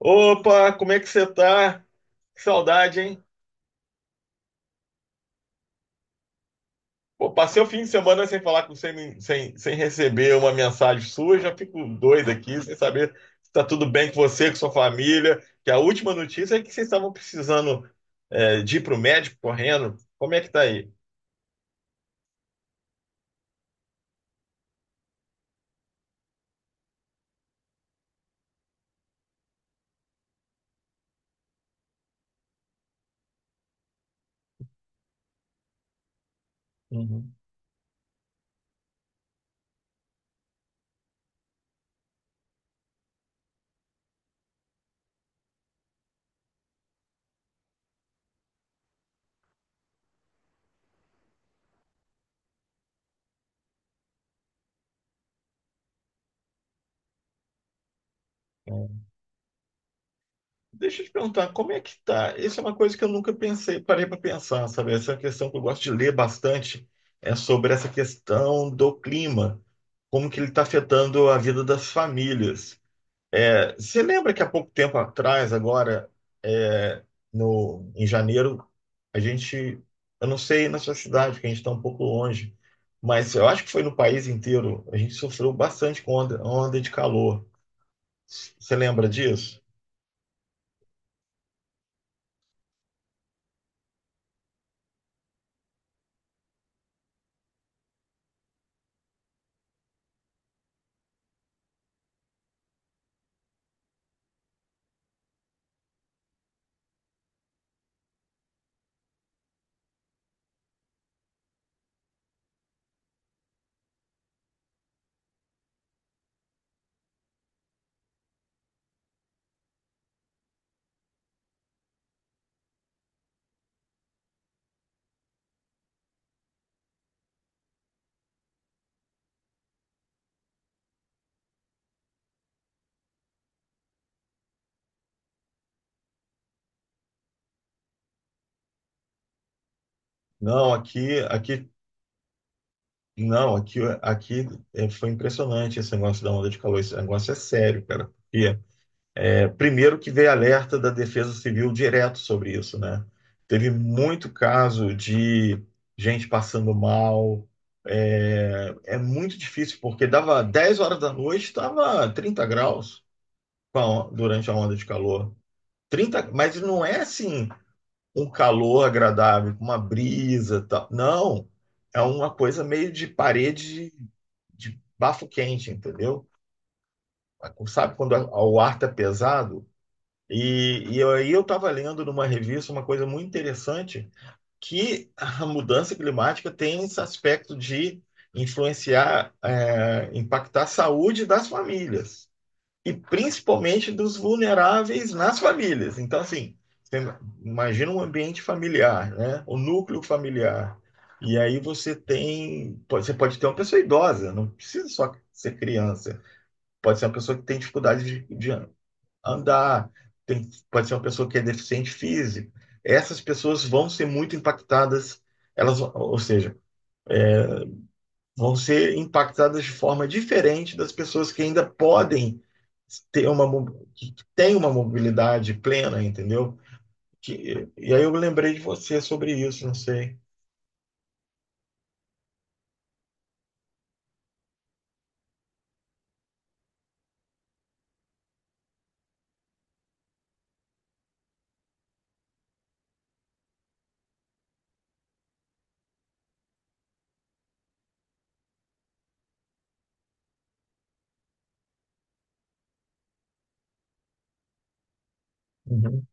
Opa, como é que você tá? Que saudade, hein? Pô, passei o fim de semana sem falar com você, sem receber uma mensagem sua, já fico doido aqui, sem saber se tá tudo bem com você, com sua família. Que a última notícia é que vocês estavam precisando de ir pro médico correndo. Como é que tá aí? Uhum. Deixa eu te perguntar, como é que tá? Isso é uma coisa que eu nunca pensei, parei para pensar, sabe? Essa é uma questão que eu gosto de ler bastante sobre essa questão do clima. Como que ele está afetando a vida das famílias. É, você lembra que há pouco tempo atrás, agora, é, no, em janeiro, a gente, eu não sei na sua cidade, que a gente está um pouco longe, mas eu acho que foi no país inteiro, a gente sofreu bastante com onda de calor. Você lembra disso? Não, aqui, aqui, não, aqui, foi impressionante esse negócio da onda de calor. Esse negócio é sério, cara. E primeiro que veio alerta da Defesa Civil direto sobre isso, né? Teve muito caso de gente passando mal. É, é muito difícil, porque dava 10 horas da noite, estava 30 graus durante a onda de calor. 30, mas não é assim um calor agradável, com uma brisa, tal. Não, é uma coisa meio de de, bafo quente, entendeu? Sabe quando o ar tá pesado? E aí eu estava lendo numa revista uma coisa muito interessante, que a mudança climática tem esse aspecto de influenciar, impactar a saúde das famílias, e principalmente dos vulneráveis nas famílias. Então, assim, você imagina um ambiente familiar, né? O núcleo familiar. E aí você você pode ter uma pessoa idosa, não precisa só ser criança. Pode ser uma pessoa que tem dificuldade de andar, pode ser uma pessoa que é deficiente físico. Essas pessoas vão ser muito impactadas, elas, ou seja, vão ser impactadas de forma diferente das pessoas que ainda podem ter uma, que têm uma mobilidade plena, entendeu? E aí eu lembrei de você sobre isso, não sei. Uhum.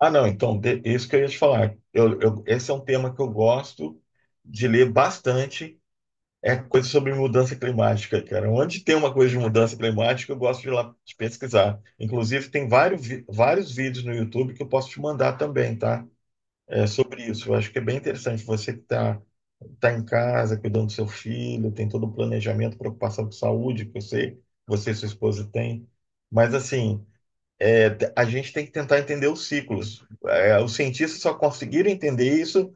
Ah, não, então, isso que eu ia te falar. Esse é um tema que eu gosto de ler bastante, é coisa sobre mudança climática, cara. Onde tem uma coisa de mudança climática, eu gosto de ir lá de pesquisar. Inclusive, tem vários vídeos no YouTube que eu posso te mandar também, tá? É, sobre isso. Eu acho que é bem interessante. Você que está tá em casa, cuidando do seu filho, tem todo o planejamento, preocupação com saúde, que eu sei, você e sua esposa têm. Mas, assim, é, a gente tem que tentar entender os ciclos. É, os cientistas só conseguiram entender isso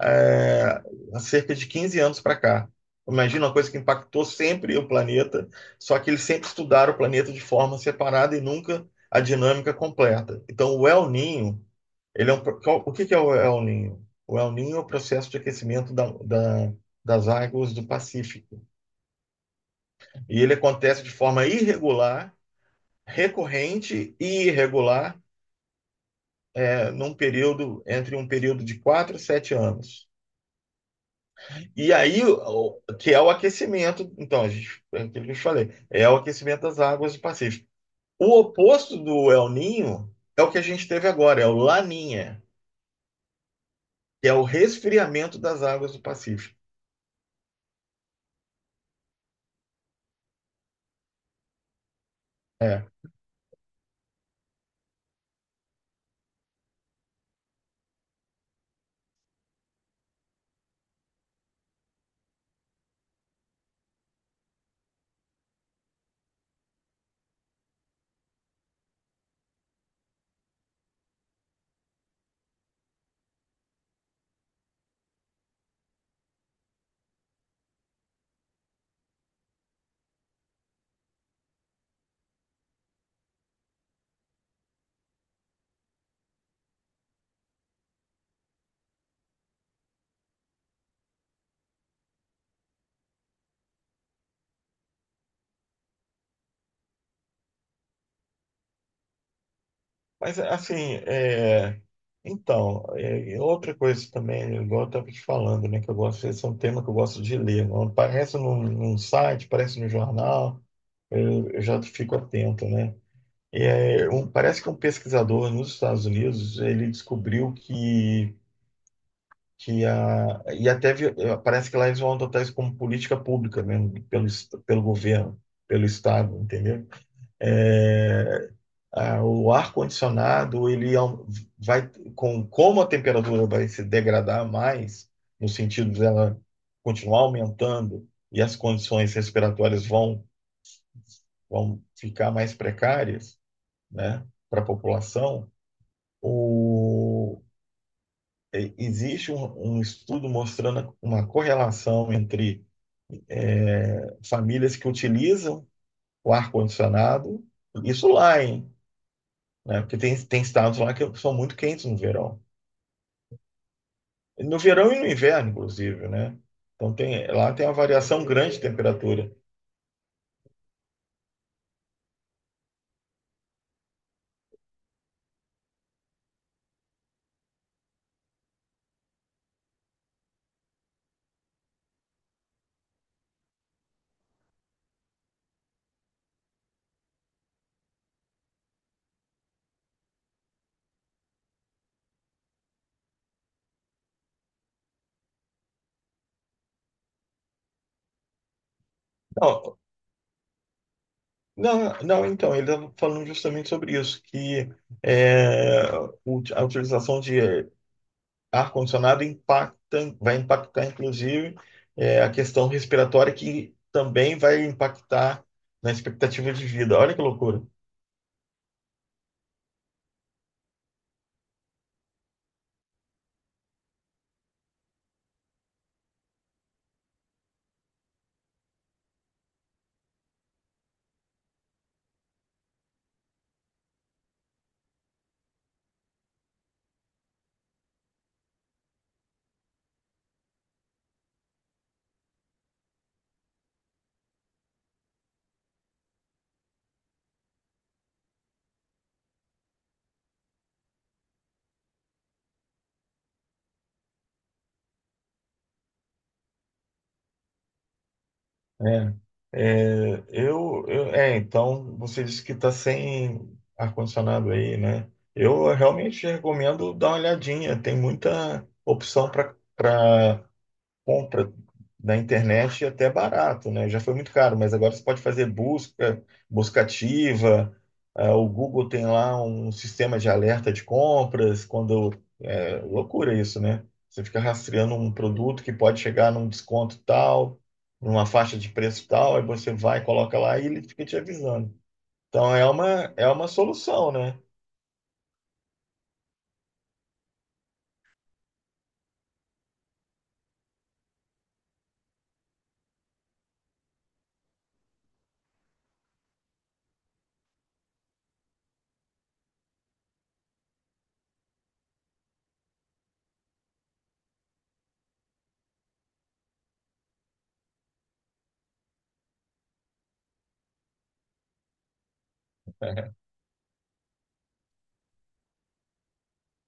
é, há cerca de 15 anos para cá. Imagina uma coisa que impactou sempre o planeta, só que eles sempre estudaram o planeta de forma separada e nunca a dinâmica completa. Então, o El Niño ele é um, o que é o El Niño? O El Niño é o processo de aquecimento das águas do Pacífico. E ele acontece de forma irregular, recorrente e irregular, num período entre um período de 4 a 7 anos. E aí, que é o aquecimento, então, a gente, é aquilo que eu te falei, é o aquecimento das águas do Pacífico. O oposto do El Ninho é o que a gente teve agora, é o Laninha, que é o resfriamento das águas do Pacífico. É. Mas, assim, então, e outra coisa também, igual eu estava te falando, né, que eu gosto, esse é um tema que eu gosto de ler, não aparece num site, aparece no jornal, eu já fico atento, né? É, parece que um pesquisador nos Estados Unidos, ele descobriu que a, e parece que lá eles vão adotar isso como política pública mesmo, pelo governo, pelo Estado, entendeu? É, o ar-condicionado, ele au- vai, com, como a temperatura vai se degradar mais, no sentido dela continuar aumentando e as condições respiratórias vão ficar mais precárias, né, para a população, o, existe um estudo mostrando uma correlação entre famílias que utilizam o ar-condicionado, isso lá, hein? Né? Porque tem estados lá que são muito quentes no verão. No verão e no inverno, inclusive, né? Então tem, lá tem uma variação grande de temperatura. Não, não, então, ele estava falando justamente sobre isso, que é, a utilização de ar-condicionado impacta, vai impactar, inclusive, a questão respiratória, que também vai impactar na expectativa de vida. Olha que loucura. É, então, você disse que está sem ar-condicionado aí, né? Eu realmente recomendo dar uma olhadinha. Tem muita opção para compra na internet e até barato, né? Já foi muito caro, mas agora você pode fazer busca ativa. Ah, o Google tem lá um sistema de alerta de compras, quando é loucura isso, né? Você fica rastreando um produto que pode chegar num desconto tal, numa faixa de preço tal, aí você vai, coloca lá e ele fica te avisando. Então é uma solução, né?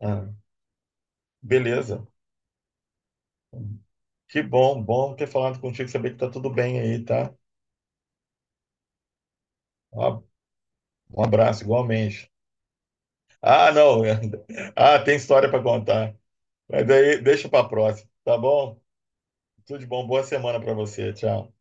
Ah, beleza. Que bom, bom ter falado contigo, saber que tá tudo bem aí, tá? Um Um abraço, igualmente. Ah, não. Ah, tem história para contar. Mas aí deixa para próxima, tá bom? Tudo de bom, boa semana para você. Tchau.